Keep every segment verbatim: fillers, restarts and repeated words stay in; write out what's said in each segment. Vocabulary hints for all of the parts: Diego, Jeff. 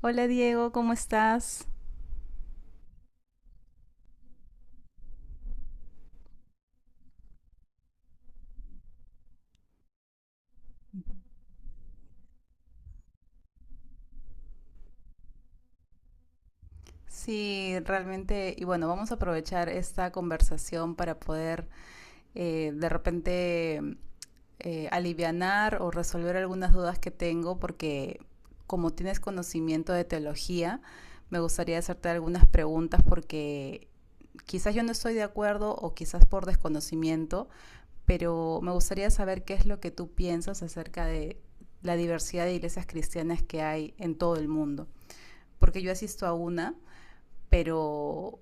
Hola Diego, ¿cómo estás? Sí, realmente, y bueno, vamos a aprovechar esta conversación para poder eh, de repente eh, alivianar o resolver algunas dudas que tengo, porque como tienes conocimiento de teología, me gustaría hacerte algunas preguntas porque quizás yo no estoy de acuerdo o quizás por desconocimiento, pero me gustaría saber qué es lo que tú piensas acerca de la diversidad de iglesias cristianas que hay en todo el mundo. Porque yo asisto a una, pero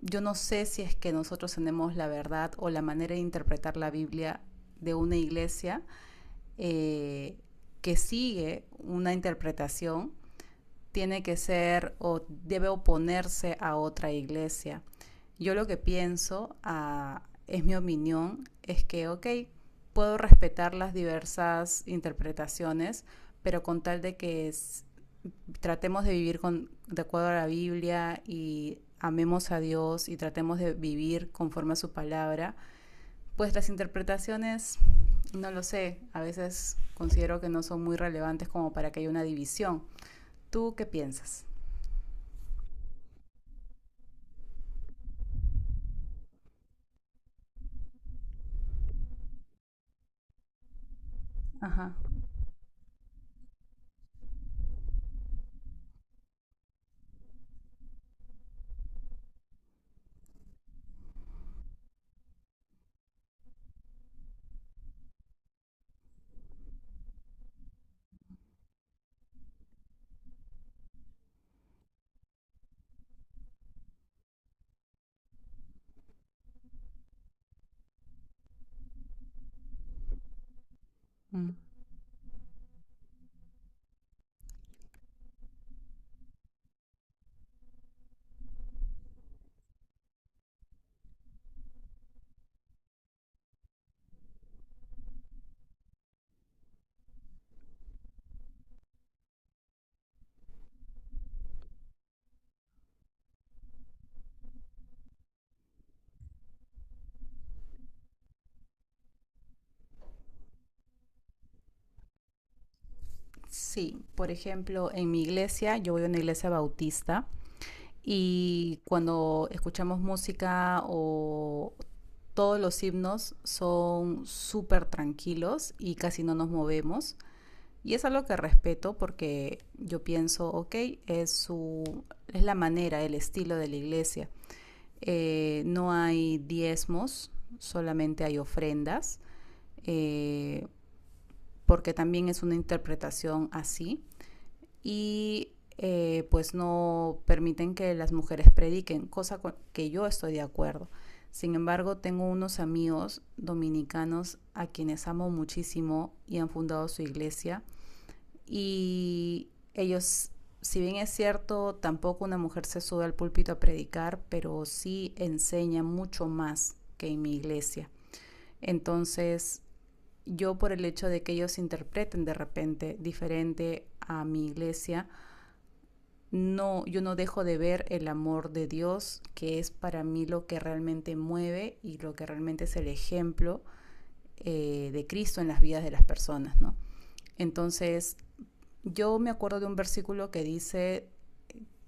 yo no sé si es que nosotros tenemos la verdad o la manera de interpretar la Biblia de una iglesia eh, que sigue una interpretación, tiene que ser o debe oponerse a otra iglesia. Yo lo que pienso, ah, es mi opinión, es que, ok, puedo respetar las diversas interpretaciones, pero con tal de que tratemos de vivir con, de acuerdo a la Biblia y amemos a Dios y tratemos de vivir conforme a su palabra, pues las interpretaciones, no lo sé, a veces considero que no son muy relevantes como para que haya una división. ¿Tú qué piensas? Ajá. Mm. Sí, por ejemplo, en mi iglesia, yo voy a una iglesia bautista y cuando escuchamos música o todos los himnos son súper tranquilos y casi no nos movemos. Y es algo que respeto porque yo pienso, ok, es, su, es la manera, el estilo de la iglesia. Eh, no hay diezmos, solamente hay ofrendas, eh, porque también es una interpretación así. Y eh, pues no permiten que las mujeres prediquen, cosa con que yo estoy de acuerdo. Sin embargo, tengo unos amigos dominicanos a quienes amo muchísimo y han fundado su iglesia y ellos, si bien es cierto, tampoco una mujer se sube al púlpito a predicar, pero sí enseña mucho más que en mi iglesia. Entonces, yo por el hecho de que ellos interpreten de repente diferente a mi iglesia, no, yo no dejo de ver el amor de Dios, que es para mí lo que realmente mueve y lo que realmente es el ejemplo eh, de Cristo en las vidas de las personas, ¿no? Entonces, yo me acuerdo de un versículo que dice,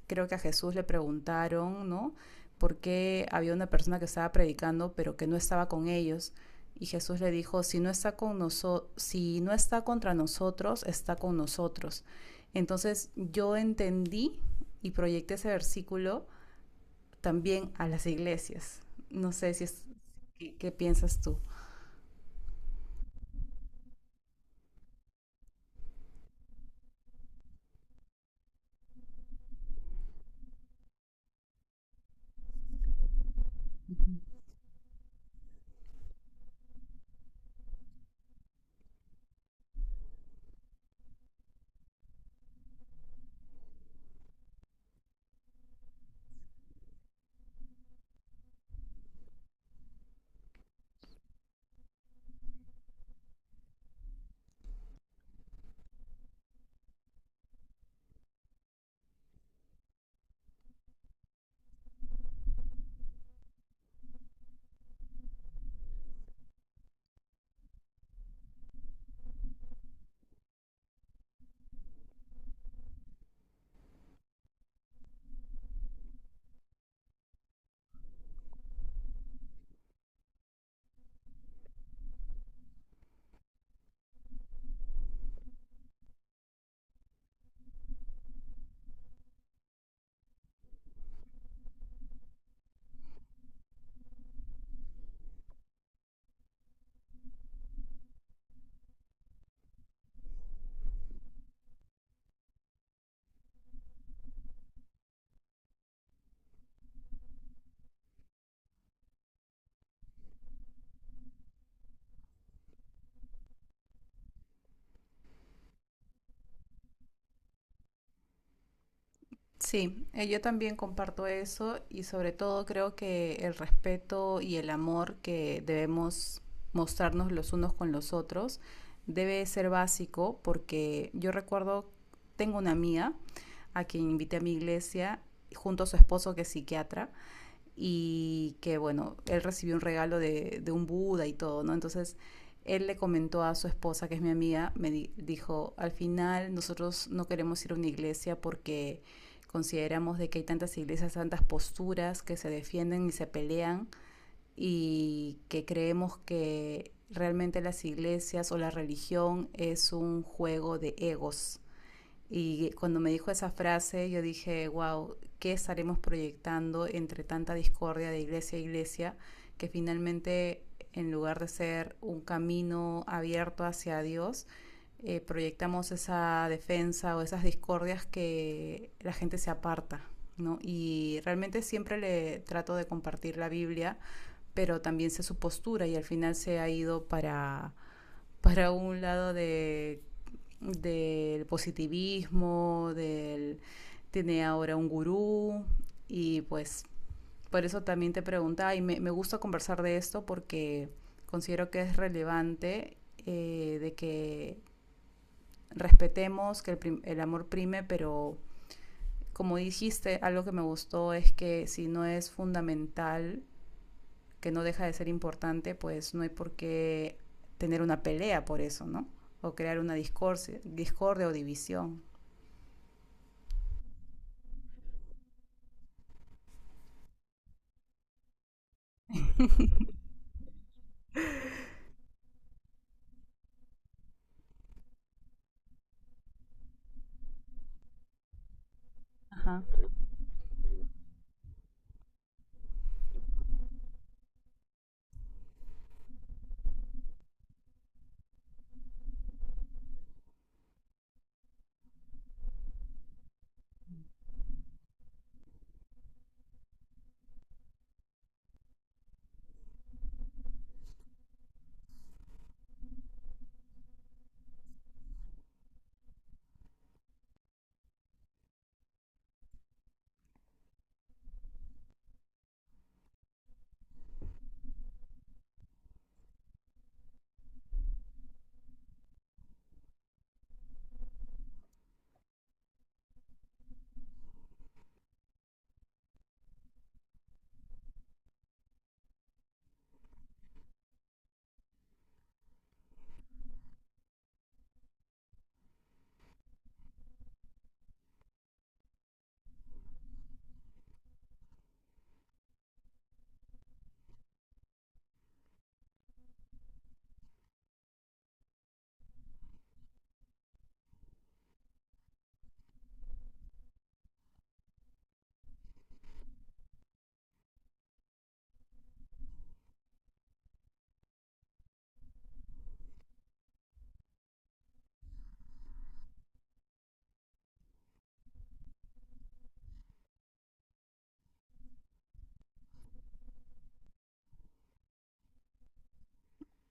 creo que a Jesús le preguntaron, ¿no? ¿Por qué había una persona que estaba predicando pero que no estaba con ellos? Y Jesús le dijo, si no está con noso, si no está contra nosotros, está con nosotros. Entonces yo entendí y proyecté ese versículo también a las iglesias. No sé si es qué, qué piensas tú. Sí, eh, yo también comparto eso y sobre todo creo que el respeto y el amor que debemos mostrarnos los unos con los otros debe ser básico porque yo recuerdo, tengo una amiga a quien invité a mi iglesia junto a su esposo que es psiquiatra y que bueno, él recibió un regalo de, de un Buda y todo, ¿no? Entonces él le comentó a su esposa, que es mi amiga, me di- dijo, al final nosotros no queremos ir a una iglesia porque consideramos de que hay tantas iglesias, tantas posturas que se defienden y se pelean y que creemos que realmente las iglesias o la religión es un juego de egos y cuando me dijo esa frase, yo dije, wow, ¿qué estaremos proyectando entre tanta discordia de iglesia a iglesia? Que finalmente, en lugar de ser un camino abierto hacia Dios, eh, proyectamos esa defensa o esas discordias que la gente se aparta. ¿No? Y realmente siempre le trato de compartir la Biblia, pero también sé su postura y al final se ha ido para, para un lado de del positivismo, del tiene ahora un gurú y pues por eso también te preguntaba y me, me gusta conversar de esto porque considero que es relevante eh, de que respetemos que el, prim, el, amor prime, pero como dijiste, algo que me gustó es que si no es fundamental, que no deja de ser importante, pues no hay por qué tener una pelea por eso, ¿no? O crear una discordia, discordia o división. Ajá.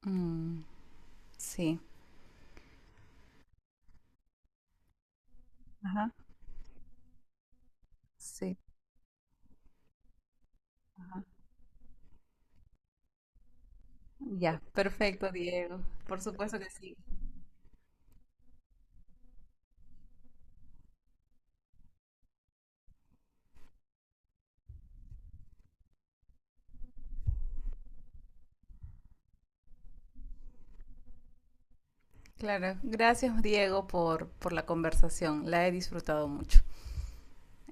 Mm, sí. Ajá. Sí. Ya, perfecto, Diego. Por supuesto que sí. Claro. Gracias, Diego, por, por la conversación. La he disfrutado mucho.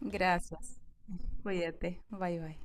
Gracias. Cuídate. Bye, bye.